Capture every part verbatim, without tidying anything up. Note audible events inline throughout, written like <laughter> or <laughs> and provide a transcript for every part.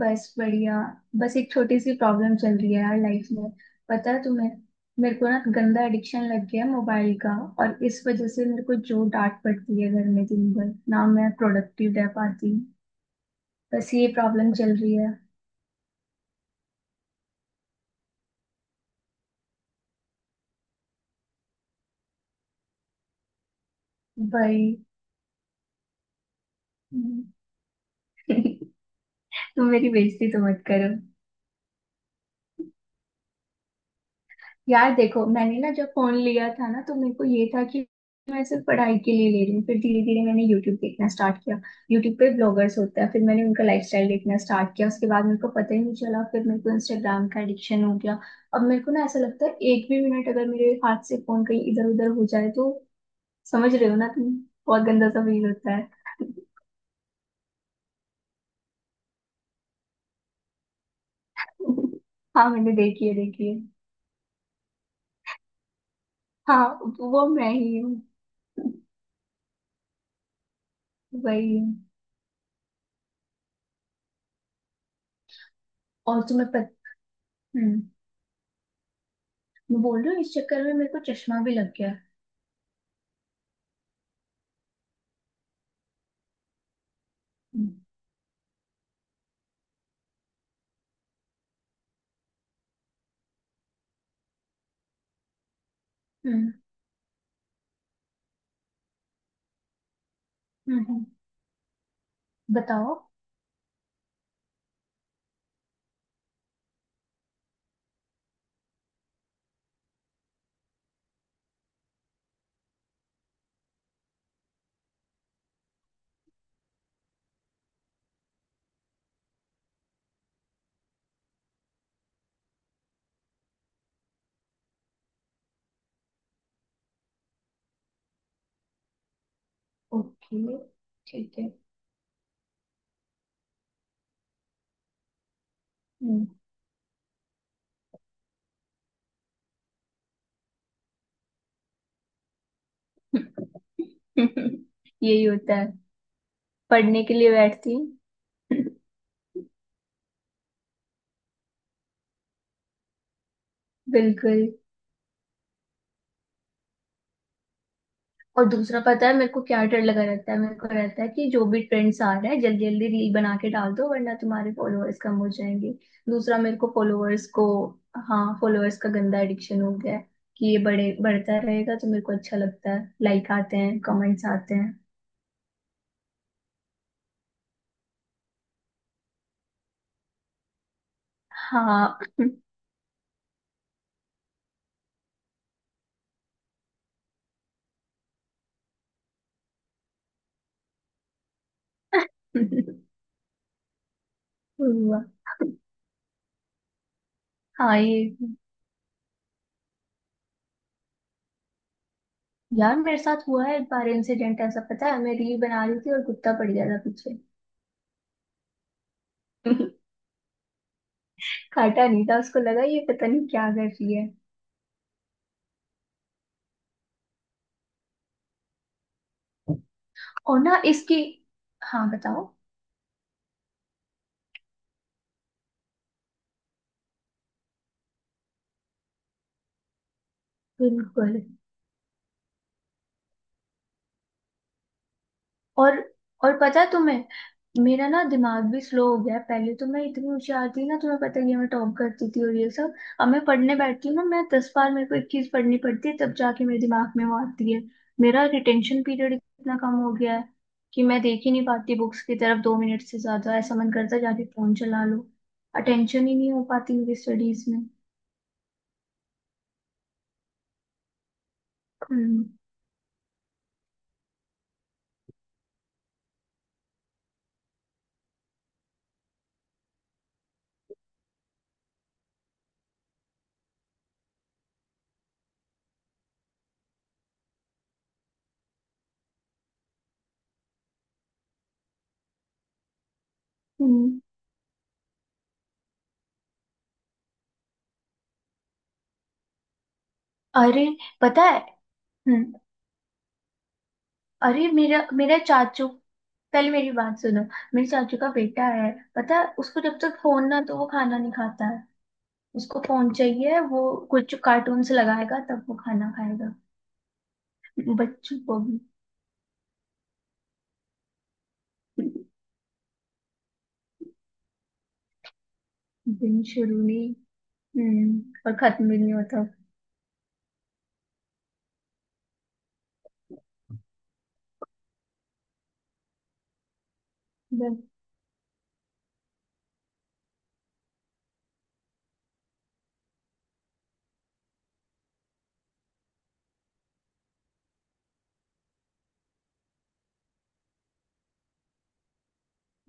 बस बढ़िया। बस एक छोटी सी प्रॉब्लम चल रही है यार लाइफ में। पता है तुम्हें? मेरे को ना गंदा एडिक्शन लग गया है मोबाइल का। और इस वजह से मेरे को जो डांट पड़ती है घर में दिन भर ना मैं प्रोडक्टिव रह पाती। बस ये प्रॉब्लम चल रही है। भाई, <laughs> तुम मेरी बेइज्जती तो मत करो। यार देखो, मैंने ना जब फोन लिया था ना तो मेरे को ये था कि मैं सिर्फ पढ़ाई के लिए ले रही हूँ। फिर धीरे धीरे मैंने यूट्यूब देखना स्टार्ट किया। यूट्यूब पे ब्लॉगर्स होते हैं, फिर मैंने उनका लाइफस्टाइल देखना स्टार्ट किया। उसके बाद मेरे को पता ही नहीं चला, फिर मेरे को इंस्टाग्राम का एडिक्शन हो गया। अब मेरे को ना ऐसा लगता है एक भी मिनट अगर मेरे हाथ से फोन कहीं इधर उधर हो जाए तो, समझ रहे हो ना तुम? बहुत गंदा सा फील होता है। <laughs> हाँ, मैंने देखी है देखी है। हाँ वो मैं ही हूँ। वही हूँ। और तुम्हें पता, मैं बोल रही हूँ इस चक्कर में मेरे को चश्मा भी लग गया। हम्म, हम्म हम्म हम्म। बताओ। ओके। ठीक है। हम्म। <laughs> यही होता है। पढ़ने के लिए बैठती हूँ। <laughs> बिल्कुल। और दूसरा, पता है मेरे को क्या डर लगा रहता है? मेरे को रहता है कि जो भी ट्रेंड्स आ रहा है जल्दी जल्दी रील बना के डाल दो वरना तुम्हारे फॉलोअर्स कम हो जाएंगे। दूसरा मेरे को फॉलोअर्स को। हाँ, फॉलोअर्स का गंदा एडिक्शन हो गया है कि ये बड़े बढ़ता रहेगा तो मेरे को अच्छा लगता है, लाइक आते हैं कमेंट्स आते हैं। हाँ। <laughs> हुआ। हाँ ये। यार, मेरे साथ हुआ है एक बार इंसिडेंट ऐसा। पता है मैं रील बना रही थी और कुत्ता पड़ गया था पीछे। <laughs> काटा नहीं था, उसको लगा ये पता नहीं क्या कर रही है। और ना इसकी। हाँ बताओ। बिल्कुल। और और पता है तुम्हें, मेरा ना दिमाग भी स्लो हो गया है। पहले तो मैं इतनी होशियार थी ना, तुम्हें पता ही है मैं टॉप करती थी और ये सब। अब मैं पढ़ने बैठती हूँ ना, मैं दस बार मेरे को एक चीज पढ़नी पड़ती है तब जाके मेरे दिमाग में वो आती है। मेरा रिटेंशन पीरियड इतना कम हो गया है कि मैं देख ही नहीं पाती बुक्स की तरफ दो मिनट से ज्यादा। ऐसा मन करता है जाके फोन चला लो। अटेंशन ही नहीं हो पाती मेरी स्टडीज में। हम्म हम्म। अरे पता है। हम्म। अरे मेरा मेरा चाचू, पहले मेरी बात सुनो। मेरे चाचू का बेटा है, पता है उसको जब तक फोन ना तो वो खाना नहीं खाता है। उसको फोन चाहिए, वो कुछ कार्टून से लगाएगा तब वो खाना खाएगा। बच्चों को भी। दिन शुरू नहीं। हम्म और खत्म भी नहीं होता। बस,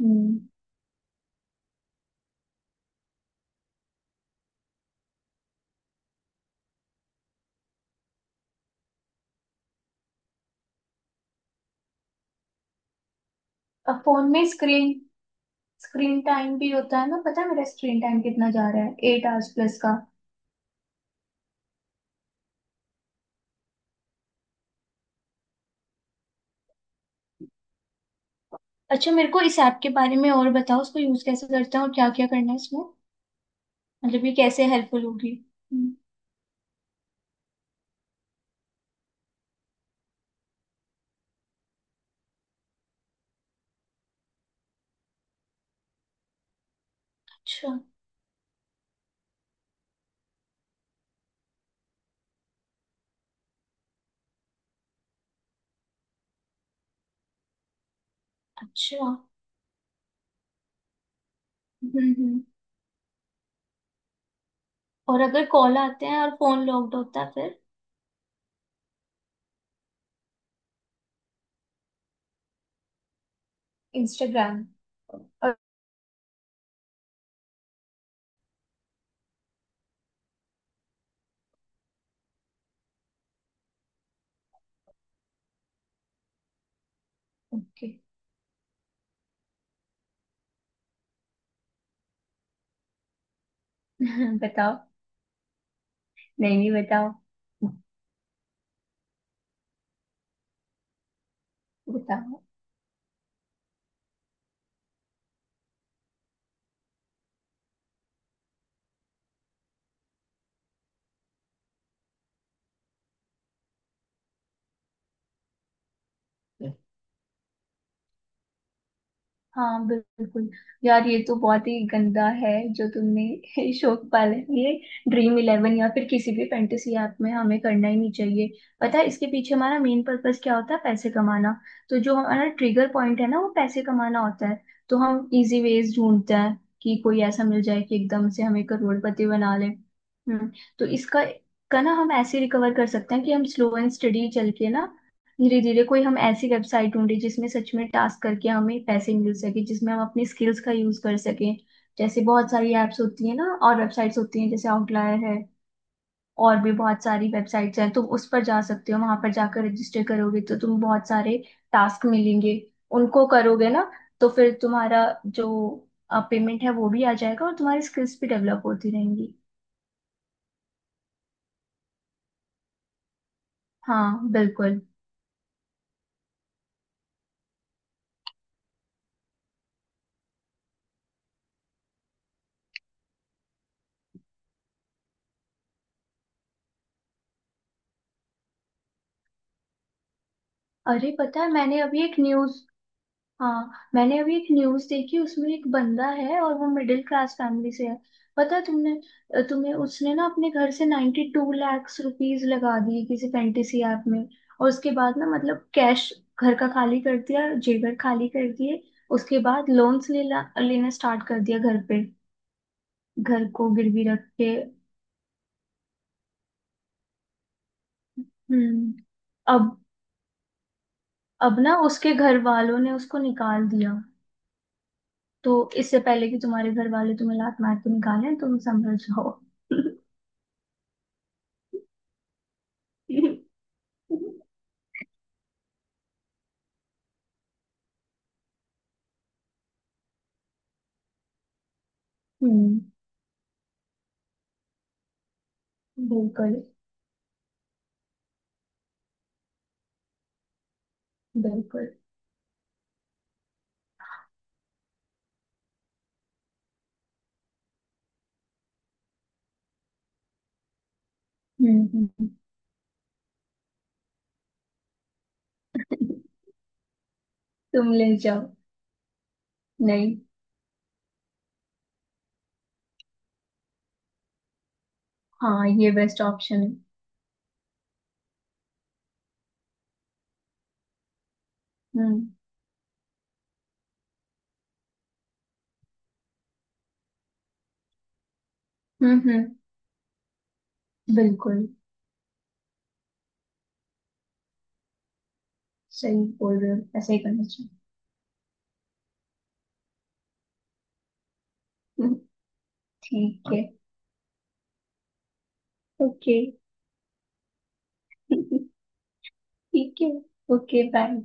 हम्म। अब फोन में स्क्रीन स्क्रीन टाइम भी होता है ना, पता है मेरा स्क्रीन टाइम कितना जा रहा है? एट आवर्स प्लस का। अच्छा मेरे को इस ऐप के बारे में और बताओ, उसको यूज कैसे करते हैं और क्या क्या करना है इसमें? मतलब ये कैसे हेल्पफुल होगी? हम्म, अच्छा। अच्छा। हम्म हम्म। और अगर कॉल आते हैं और फोन लॉक्ड होता है फिर? इंस्टाग्राम। ओके। <laughs> बताओ, नहीं नहीं बताओ। बताओ। हाँ बिल्कुल। यार ये तो बहुत ही गंदा है जो तुमने <laughs> शौक पाला है ये। ड्रीम इलेवन या फिर किसी भी फैंटेसी ऐप में हमें करना ही नहीं चाहिए। पता है इसके पीछे हमारा मेन पर्पस क्या होता है? पैसे कमाना। तो जो हमारा ट्रिगर पॉइंट है ना, वो पैसे कमाना होता है। तो हम इजी वेज ढूंढते हैं कि कोई ऐसा मिल जाए कि एकदम से हमें करोड़पति बना ले। हम्म। तो इसका का ना हम ऐसे रिकवर कर सकते हैं कि हम स्लो एंड स्टडी चल के ना, धीरे धीरे कोई हम ऐसी वेबसाइट ढूंढे जिसमें सच में टास्क करके हमें पैसे मिल सके, जिसमें हम अपनी स्किल्स का यूज कर सकें। जैसे बहुत सारी एप्स होती है ना और वेबसाइट्स होती हैं, जैसे आउटलायर है। और भी बहुत सारी वेबसाइट्स हैं, तुम उस पर जा सकते हो। वहां पर जाकर रजिस्टर करोगे तो तुम बहुत सारे टास्क मिलेंगे। उनको करोगे ना तो फिर तुम्हारा जो पेमेंट है वो भी आ जाएगा और तुम्हारी स्किल्स भी डेवलप होती रहेंगी। हाँ बिल्कुल। अरे पता है मैंने अभी एक न्यूज। हाँ मैंने अभी एक न्यूज देखी, उसमें एक बंदा है और वो मिडिल क्लास फैमिली से है। पता है तुमने, तुम्हें? उसने ना अपने घर से नाइन्टी टू लैक्स रुपीज लगा दिए किसी फैंटेसी ऐप में। और उसके बाद ना मतलब कैश घर का खाली कर दिया, जेवर खाली कर दिए। उसके बाद लोन्स लेना लेना स्टार्ट कर दिया घर पे। घर को गिरवी रख के। हम्म। अब। अब ना उसके घर वालों ने उसको निकाल दिया। तो इससे पहले कि तुम्हारे घर वाले तुम्हें लात मार के निकालें, तुम संभल जाओ। <laughs> हम्म। बिल्कुल। बिल्कुल। हम्म हम्म। हम्म। तुम ले जाओ। नहीं। हाँ ये बेस्ट ऑप्शन है। हम्म हम्म। हम्म, बिल्कुल। सही बोल रहे हो, ऐसा ही करना चाहिए। हम्म, ठीक है। ओके। <laughs> ठीक है। Okay bye.